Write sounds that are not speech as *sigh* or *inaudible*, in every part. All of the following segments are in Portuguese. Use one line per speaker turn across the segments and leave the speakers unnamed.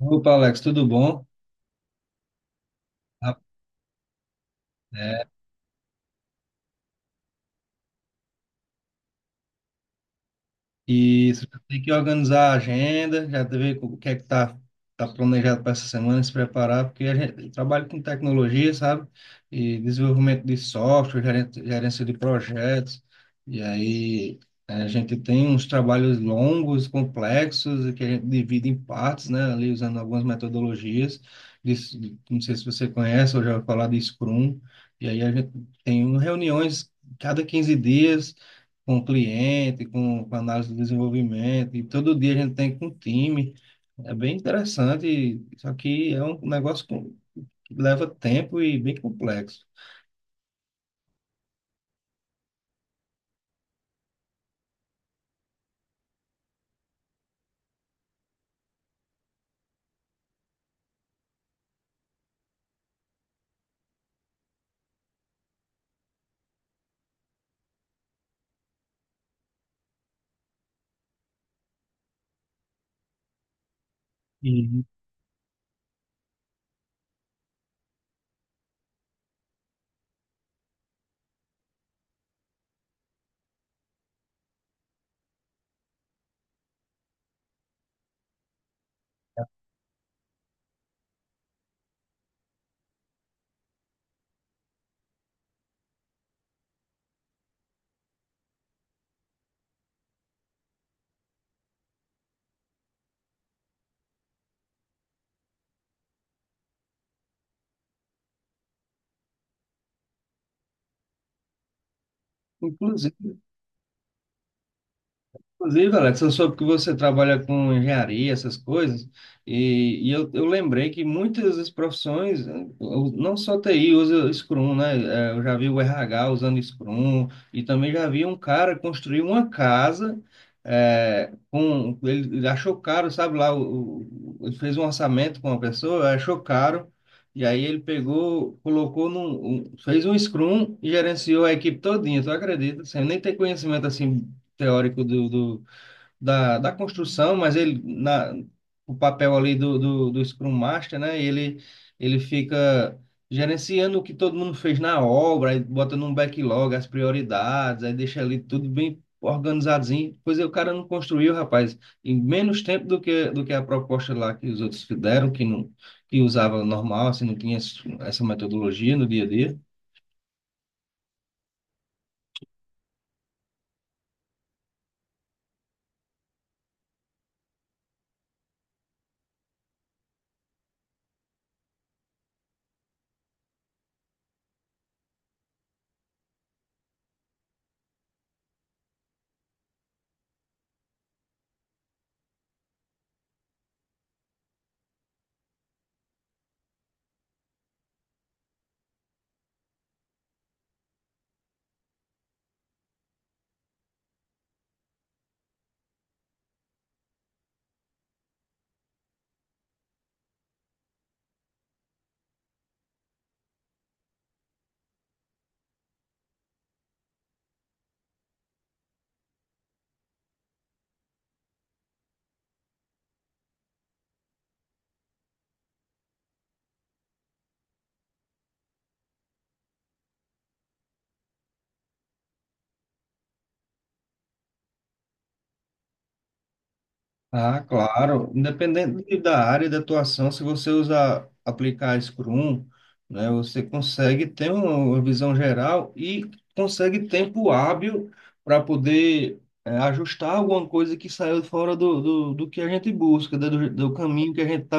Opa, Alex, tudo bom? Ah, é, isso, já tem que organizar a agenda, já ver o que é que tá, tá planejado para essa semana, se preparar, porque a gente trabalha com tecnologia, sabe? E desenvolvimento de software, gerência de projetos, e aí a gente tem uns trabalhos longos, complexos, e que a gente divide em partes, né? Ali usando algumas metodologias, de, não sei se você conhece, eu já ouvi falar de Scrum, e aí a gente tem um reuniões cada 15 dias, com o cliente, com análise de desenvolvimento, e todo dia a gente tem com o time. É bem interessante, só que é um negócio que leva tempo e bem complexo. e Inclusive, Inclusive, Alex, eu soube que você trabalha com engenharia, essas coisas, e eu lembrei que muitas das profissões, não só TI usa Scrum, né? Eu já vi o RH usando Scrum, e também já vi um cara construir uma casa, ele achou caro, sabe lá, ele fez um orçamento com uma pessoa, achou caro, e aí ele pegou, fez um Scrum e gerenciou a equipe todinha, tu acredita? Sem nem ter conhecimento assim teórico da construção, mas ele na o papel ali do Scrum Master, né? Ele fica gerenciando o que todo mundo fez na obra, aí bota num backlog as prioridades, aí deixa ali tudo bem organizadinho. Pois é, o cara não construiu, rapaz, em menos tempo do que a proposta lá que os outros fizeram, que usava normal, assim, não tinha essa metodologia no dia a dia. Ah, claro. Independente da área de atuação, se você usar, aplicar Scrum, né, você consegue ter uma visão geral e consegue tempo hábil para poder ajustar alguma coisa que saiu fora do que a gente busca, né, do caminho que a gente está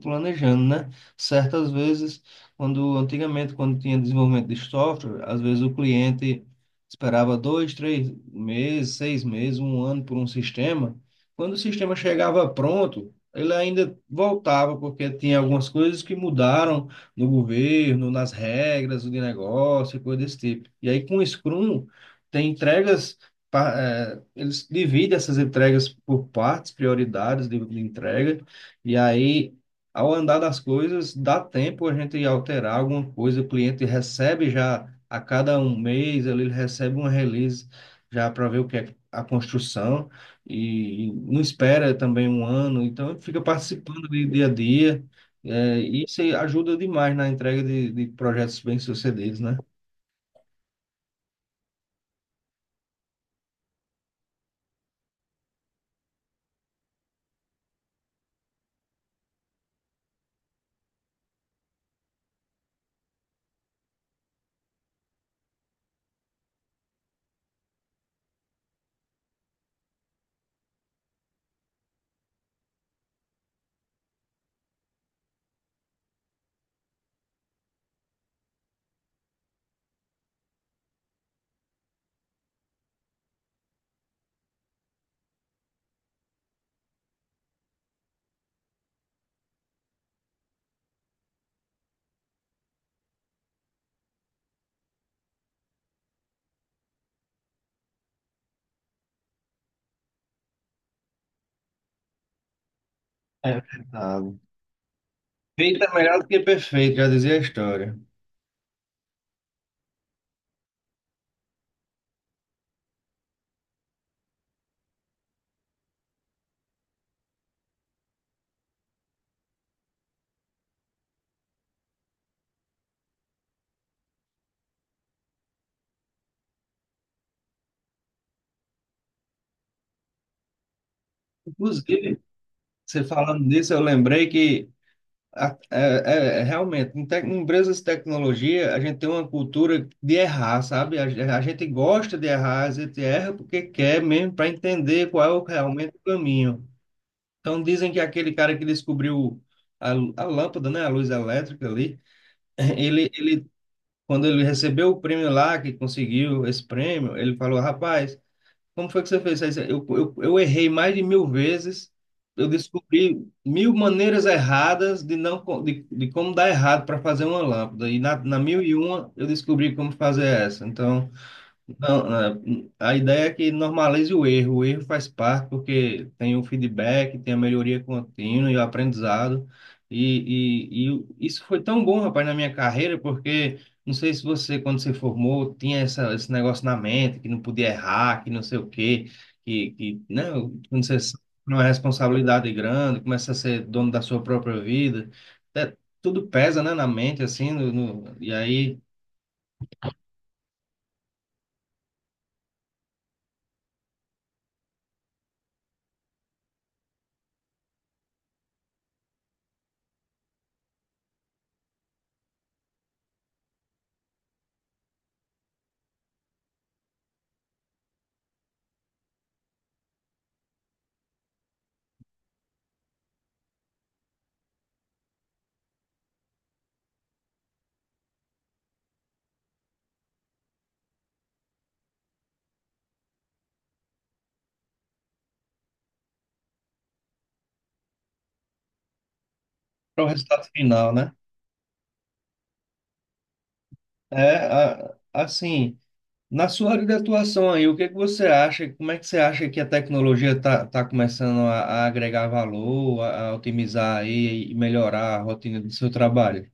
planejando, né? Certas vezes, quando antigamente, quando tinha desenvolvimento de software, às vezes o cliente esperava 2, 3 meses, 6 meses, um ano por um sistema. Quando o sistema chegava pronto, ele ainda voltava, porque tinha algumas coisas que mudaram no governo, nas regras de negócio, e coisa desse tipo. E aí, com o Scrum, tem entregas, eles dividem essas entregas por partes, prioridades de entrega, e aí, ao andar das coisas, dá tempo a gente alterar alguma coisa, o cliente recebe já a cada um mês, ele recebe uma release já para ver o que é a construção e não espera também um ano, então fica participando de dia a dia, é, e isso aí ajuda demais na entrega de projetos bem-sucedidos, né? É verdade. Feito é melhor do que perfeito, já dizia a história. Inclusive, você falando disso, eu lembrei que é realmente, em, em empresas de tecnologia, a gente tem uma cultura de errar, sabe? A gente gosta de errar, a gente erra porque quer mesmo para entender qual é o, realmente o caminho. Então dizem que aquele cara que descobriu a lâmpada, né, a luz elétrica ali, *laughs* ele, quando ele recebeu o prêmio lá, que conseguiu esse prêmio, ele falou, rapaz, como foi que você fez isso? Eu errei mais de 1.000 vezes, eu descobri 1.000 maneiras erradas de não de como dar errado para fazer uma lâmpada e na 1.001 eu descobri como fazer essa. Então não, né, a ideia é que normalize o erro. O erro faz parte porque tem o feedback, tem a melhoria contínua e o aprendizado. E, e, e isso foi tão bom, rapaz, na minha carreira, porque não sei se você, quando se formou, tinha esse negócio na mente, que não podia errar, que não sei o quê, que né, quando você sabe que é uma responsabilidade grande, começa a ser dono da sua própria vida, é, tudo pesa, né, na mente, assim, e aí, para o resultado final, né? É, assim, na sua área de atuação aí, o que é que você acha? Como é que você acha que a tecnologia está tá começando a agregar valor, a otimizar aí e melhorar a rotina do seu trabalho?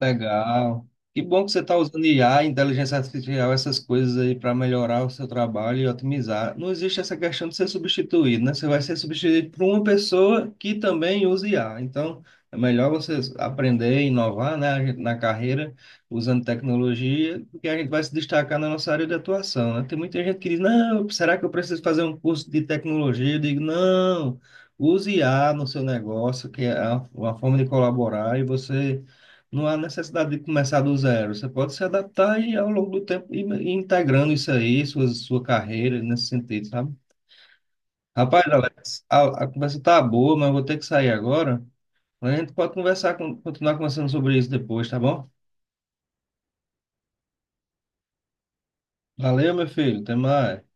Legal. Que bom que você está usando IA, inteligência artificial, essas coisas aí para melhorar o seu trabalho e otimizar. Não existe essa questão de ser substituído, né? Você vai ser substituído por uma pessoa que também usa IA. Então, é melhor você aprender e inovar, né, na carreira, usando tecnologia, porque a gente vai se destacar na nossa área de atuação, né? Tem muita gente que diz, não, será que eu preciso fazer um curso de tecnologia? Eu digo, não, use IA no seu negócio, que é uma forma de colaborar e você não há necessidade de começar do zero. Você pode se adaptar e ao longo do tempo ir integrando isso aí, sua carreira nesse sentido, sabe? Rapaz, Alex, a conversa tá boa, mas eu vou ter que sair agora. A gente pode conversar, continuar conversando sobre isso depois, tá bom? Valeu, meu filho. Até mais.